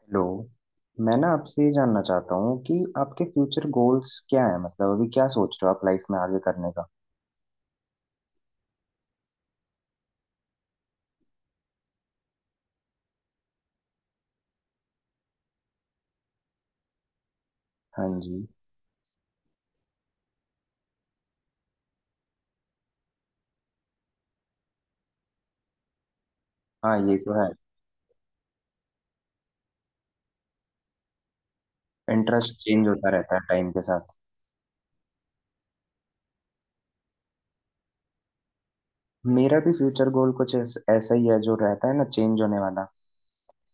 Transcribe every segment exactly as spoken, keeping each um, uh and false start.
Hello. मैं ना आपसे ये जानना चाहता हूँ कि आपके फ्यूचर गोल्स क्या है, मतलब अभी क्या सोच रहे हो आप लाइफ में आगे करने का। हाँ जी। हाँ, ये तो है। इंटरेस्ट चेंज होता रहता है टाइम के साथ। मेरा भी फ्यूचर गोल कुछ ऐस- ऐसा ही है, जो रहता है ना, चेंज होने वाला।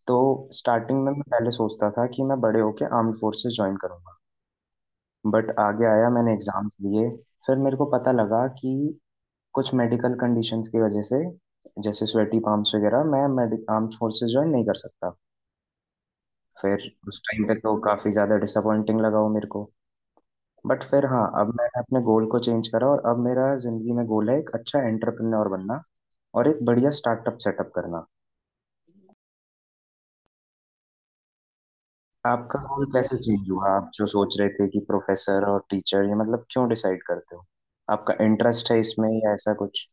तो स्टार्टिंग में मैं पहले सोचता था कि मैं बड़े होके आर्म्ड फोर्सेस ज्वाइन करूंगा। बट आगे आया, मैंने एग्जाम्स दिए। फिर मेरे को पता लगा कि कुछ मेडिकल कंडीशंस की वजह से, जैसे स्वेटी palms वगैरह, मैं आर्म्ड फोर्सेस ज्वाइन नहीं कर सकता। फिर उस टाइम पे तो काफी ज्यादा डिसअपॉइंटिंग लगा वो मेरे को। बट फिर हाँ, अब मैंने अपने गोल को चेंज करा, और अब मेरा जिंदगी में गोल है एक अच्छा एंटरप्रेन्योर बनना। और एक बढ़िया स्टार्टअप सेटअप करना। आपका गोल कैसे चेंज हुआ? आप जो सोच रहे थे कि प्रोफेसर और टीचर, ये मतलब क्यों डिसाइड करते हो? आपका इंटरेस्ट है इसमें या ऐसा कुछ?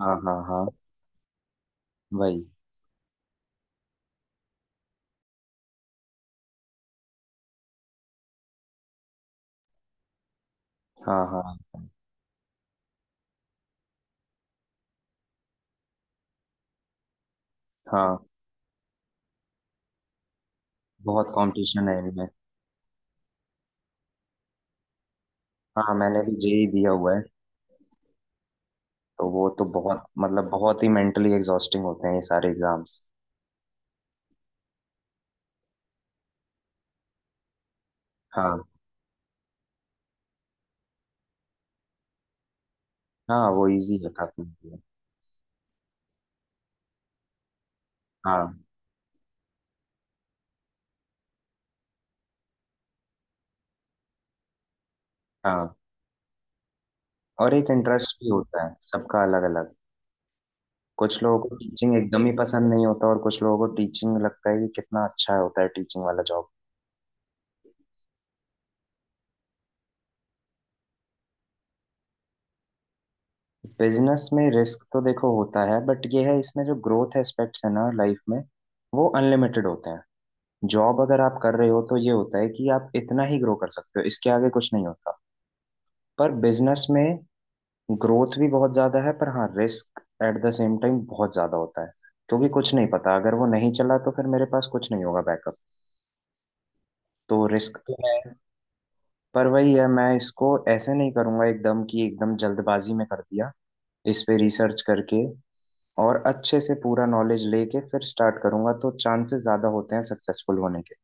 हाँ, हाँ, हाँ। वही। हाँ, हाँ, हाँ। बहुत कंपटीशन है इनमें। हाँ, मैंने भी जे ई दिया हुआ है। तो वो तो बहुत मतलब बहुत ही मेंटली एग्जॉस्टिंग होते हैं ये सारे एग्जाम्स। हाँ, हाँ, वो इजी है, काफी easy है। हाँ, हाँ। और एक इंटरेस्ट भी होता है सबका अलग अलग। कुछ लोगों को टीचिंग एकदम ही पसंद नहीं होता, और कुछ लोगों को टीचिंग लगता है कि कितना अच्छा होता है टीचिंग वाला जॉब। बिजनेस में रिस्क तो देखो होता है, बट ये है इसमें जो ग्रोथ एस्पेक्ट्स है ना लाइफ में, वो अनलिमिटेड होते हैं। जॉब अगर आप कर रहे हो, तो ये होता है कि आप इतना ही ग्रो कर सकते हो, इसके आगे कुछ नहीं होता। पर बिजनेस में ग्रोथ भी बहुत ज्यादा है, पर हाँ, risk at the same time बहुत ज्यादा होता है। क्योंकि कुछ नहीं पता, अगर वो नहीं चला तो फिर मेरे पास कुछ नहीं होगा बैकअप। तो रिस्क तो है, पर वही है, मैं इसको ऐसे नहीं करूंगा एकदम, कि एकदम जल्दबाजी में कर दिया। इस पे रिसर्च करके और अच्छे से पूरा नॉलेज लेके फिर स्टार्ट करूंगा, तो चांसेस ज्यादा होते हैं सक्सेसफुल होने के।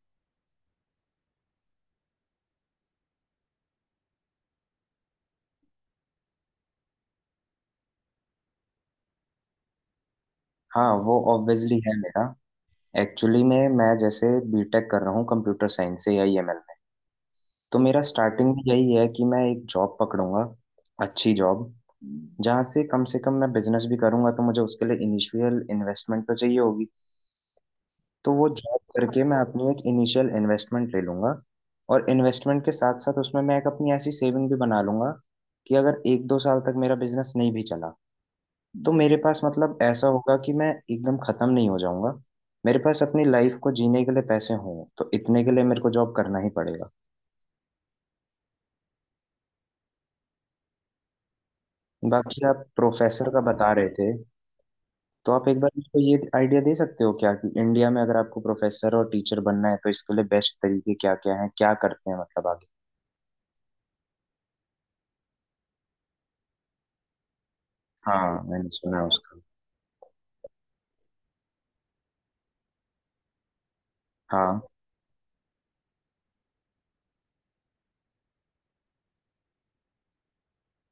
हाँ, वो ऑब्वियसली है मेरा। एक्चुअली में मैं जैसे बीटेक कर रहा हूँ कंप्यूटर साइंस से या ईएमएल, तो मेरा स्टार्टिंग में यही है कि मैं एक जॉब पकड़ूंगा, अच्छी जॉब। हम्म, जहाँ से कम से कम मैं बिजनेस भी करूंगा तो मुझे उसके लिए इनिशियल इन्वेस्टमेंट तो चाहिए होगी। तो वो जॉब करके मैं अपनी एक इनिशियल इन्वेस्टमेंट ले लूंगा। और इन्वेस्टमेंट के साथ साथ उसमें मैं एक अपनी ऐसी सेविंग भी बना लूंगा, कि अगर एक दो साल तक मेरा बिजनेस नहीं भी चला, तो मेरे पास, मतलब ऐसा होगा कि मैं एकदम खत्म नहीं हो जाऊंगा। मेरे पास अपनी लाइफ को जीने के लिए पैसे हों, तो इतने के लिए मेरे को जॉब करना ही पड़ेगा। बाकी आप प्रोफेसर का बता रहे थे, तो आप एक बार मुझको ये आइडिया दे सकते हो क्या, कि इंडिया में अगर आपको प्रोफेसर और टीचर बनना है, तो इसके लिए बेस्ट तरीके क्या क्या हैं, क्या करते हैं मतलब आगे? हाँ, मैंने सुना है उसका। हाँ।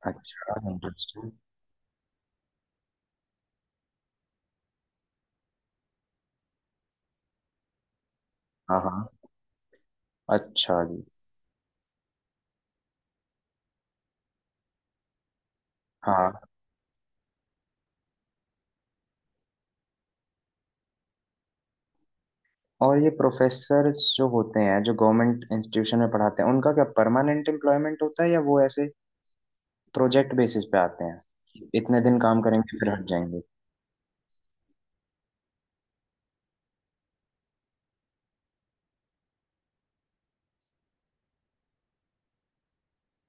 अच्छा, इंटरेस्टिंग। हाँ, हाँ। अच्छा जी। हाँ। और ये प्रोफेसर जो होते हैं, जो गवर्नमेंट इंस्टीट्यूशन में पढ़ाते हैं, उनका क्या परमानेंट एम्प्लॉयमेंट होता है, या वो ऐसे प्रोजेक्ट बेसिस पे आते हैं, इतने दिन काम करेंगे फिर हट जाएंगे?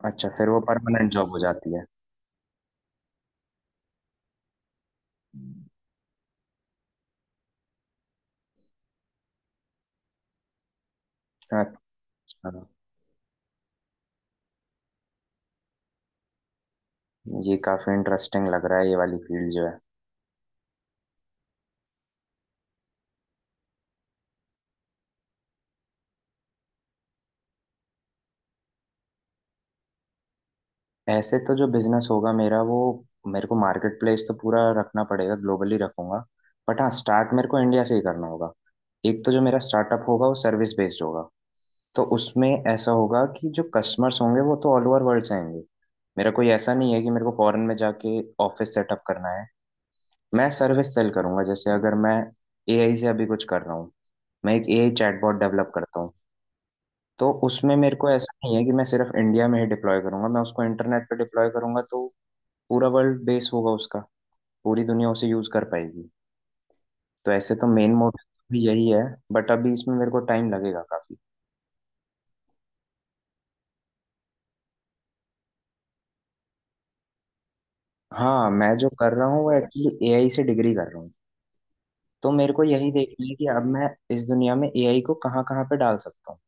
अच्छा, फिर वो परमानेंट जॉब हो जाती है। अच्छा। ये काफी इंटरेस्टिंग लग रहा है, ये वाली फील्ड जो है। ऐसे तो जो बिजनेस होगा मेरा, वो, मेरे को मार्केट प्लेस तो पूरा रखना पड़ेगा, ग्लोबली रखूंगा। बट हाँ, स्टार्ट मेरे को इंडिया से ही करना होगा। एक तो जो मेरा स्टार्टअप होगा वो सर्विस बेस्ड होगा। तो उसमें ऐसा होगा कि जो कस्टमर्स होंगे वो तो ऑल ओवर वर्ल्ड से आएंगे। मेरा कोई ऐसा नहीं है कि मेरे को फॉरेन में जाके ऑफिस सेटअप करना है। मैं सर्विस सेल करूंगा। जैसे अगर मैं ए आई से अभी कुछ कर रहा हूँ, मैं एक ए आई चैटबॉट डेवलप करता हूँ। तो उसमें मेरे को ऐसा नहीं है कि मैं सिर्फ इंडिया में ही डिप्लॉय करूंगा, मैं उसको इंटरनेट पे डिप्लॉय करूंगा, तो पूरा वर्ल्ड बेस होगा उसका, पूरी दुनिया उसे यूज कर पाएगी। तो ऐसे तो मेन मोटिव भी यही है, बट अभी इसमें मेरे को टाइम लगेगा काफी। हाँ, मैं जो कर रहा हूँ वो एक्चुअली ए आई से डिग्री कर रहा हूँ। तो मेरे को यही देखना है कि अब मैं इस दुनिया में ए आई को कहाँ कहाँ पे डाल सकता हूँ।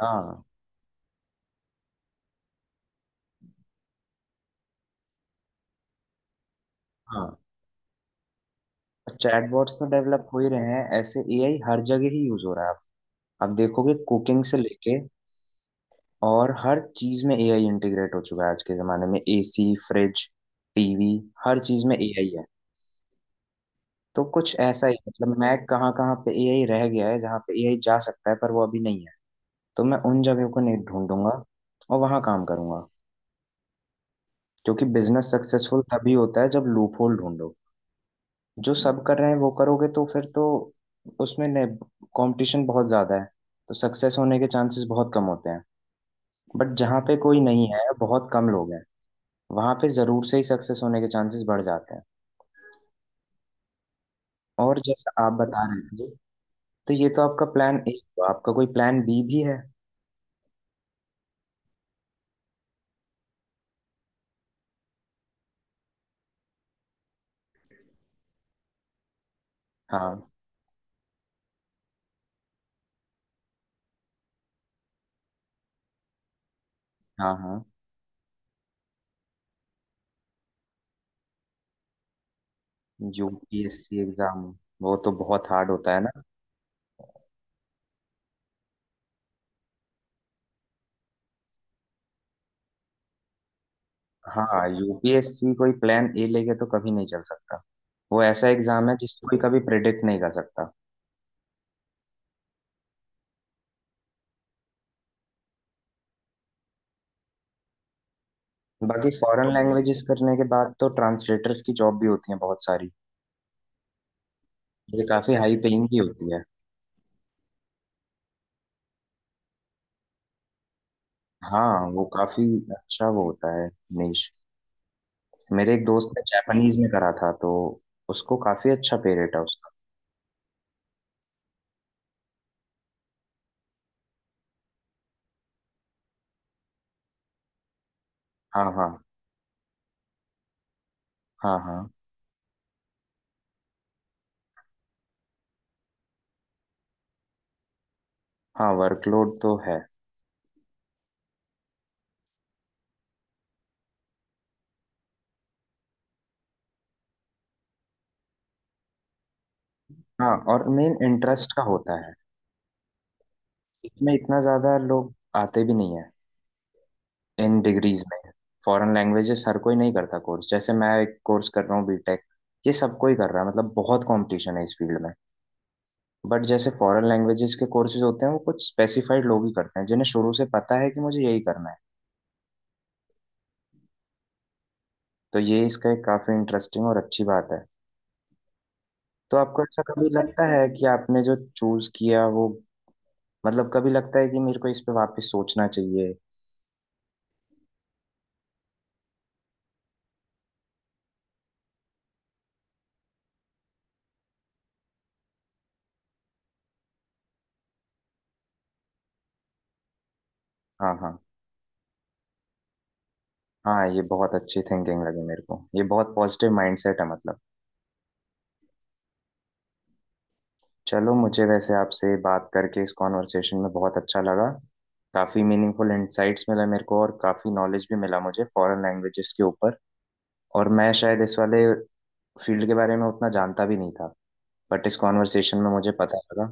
हाँ, हाँ। चैटबॉट्स तो डेवलप हो ही रहे हैं ऐसे, ए आई हर जगह ही यूज हो रहा है अब। आप देखोगे कुकिंग से लेके और हर चीज में ए आई इंटीग्रेट हो चुका है आज के जमाने में। ए सी, फ्रिज, टी वी, हर चीज में एआई है। तो कुछ ऐसा ही, मतलब मैं कहाँ कहाँ पे ए आई रह गया है, जहाँ पे ए आई जा सकता है पर वो अभी नहीं है, तो मैं उन जगहों को नहीं ढूंढूंगा और वहां काम करूंगा। क्योंकि बिजनेस सक्सेसफुल तभी होता है जब लूपहोल ढूंढो। जो सब कर रहे हैं वो करोगे, तो फिर तो उसमें कंपटीशन बहुत ज्यादा है, तो सक्सेस होने के चांसेस बहुत कम होते हैं। बट जहाँ पे कोई नहीं है, बहुत कम लोग हैं, वहां पे जरूर से ही सक्सेस होने के चांसेस बढ़ जाते हैं। और जैसा आप बता रहे थे, तो ये तो आपका प्लान ए हुआ, आपका कोई प्लान बी भी है? हाँ, हाँ, हाँ। U P S C exam, वो तो बहुत हार्ड होता है ना। हाँ, यूपीएससी कोई प्लान ए लेके तो कभी नहीं चल सकता। वो ऐसा एग्जाम है जिसको कोई कभी प्रिडिक्ट नहीं कर सकता। बाकी फॉरेन लैंग्वेजेस करने के बाद तो ट्रांसलेटर्स की जॉब भी होती है बहुत सारी। ये काफी हाई पेइंग भी होती है। हाँ, वो काफी। अच्छा, वो होता है निश। मेरे एक दोस्त ने जापानीज में करा था, तो उसको काफी अच्छा पे रेट है उसका। हाँ, हाँ। हाँ, हाँ, हाँ। वर्कलोड तो है। हाँ, और मेन इंटरेस्ट का होता है। इसमें इतना ज्यादा लोग आते भी नहीं है इन डिग्रीज में। फॉरेन लैंग्वेजेस हर कोई नहीं करता कोर्स। जैसे मैं एक कोर्स कर रहा हूँ बीटेक, ये सब कोई कर रहा है, मतलब बहुत कंपटीशन है इस फील्ड में। बट जैसे फॉरेन लैंग्वेजेस के कोर्सेज होते हैं, वो कुछ स्पेसिफाइड लोग ही करते हैं, जिन्हें शुरू से पता है कि मुझे यही करना है। तो ये इसका एक काफी इंटरेस्टिंग और अच्छी बात है। तो आपको ऐसा कभी लगता है कि आपने जो चूज किया वो, मतलब कभी लगता है कि मेरे को इस पे वापस सोचना चाहिए? हाँ, हाँ, हाँ, ये बहुत अच्छी थिंकिंग लगी मेरे को। ये बहुत पॉजिटिव माइंडसेट है, मतलब। चलो, मुझे वैसे आपसे बात करके इस कॉन्वर्सेशन में बहुत अच्छा लगा। काफी मीनिंगफुल इंसाइट्स मिला मेरे को, और काफी नॉलेज भी मिला मुझे फॉरेन लैंग्वेजेस के ऊपर। और मैं शायद इस वाले फील्ड के बारे में उतना जानता भी नहीं था, बट इस कॉन्वर्सेशन में मुझे पता लगा।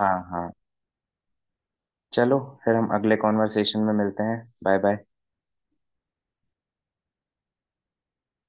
हाँ, हाँ। चलो, फिर हम अगले कॉन्वर्सेशन में मिलते हैं। Bye bye.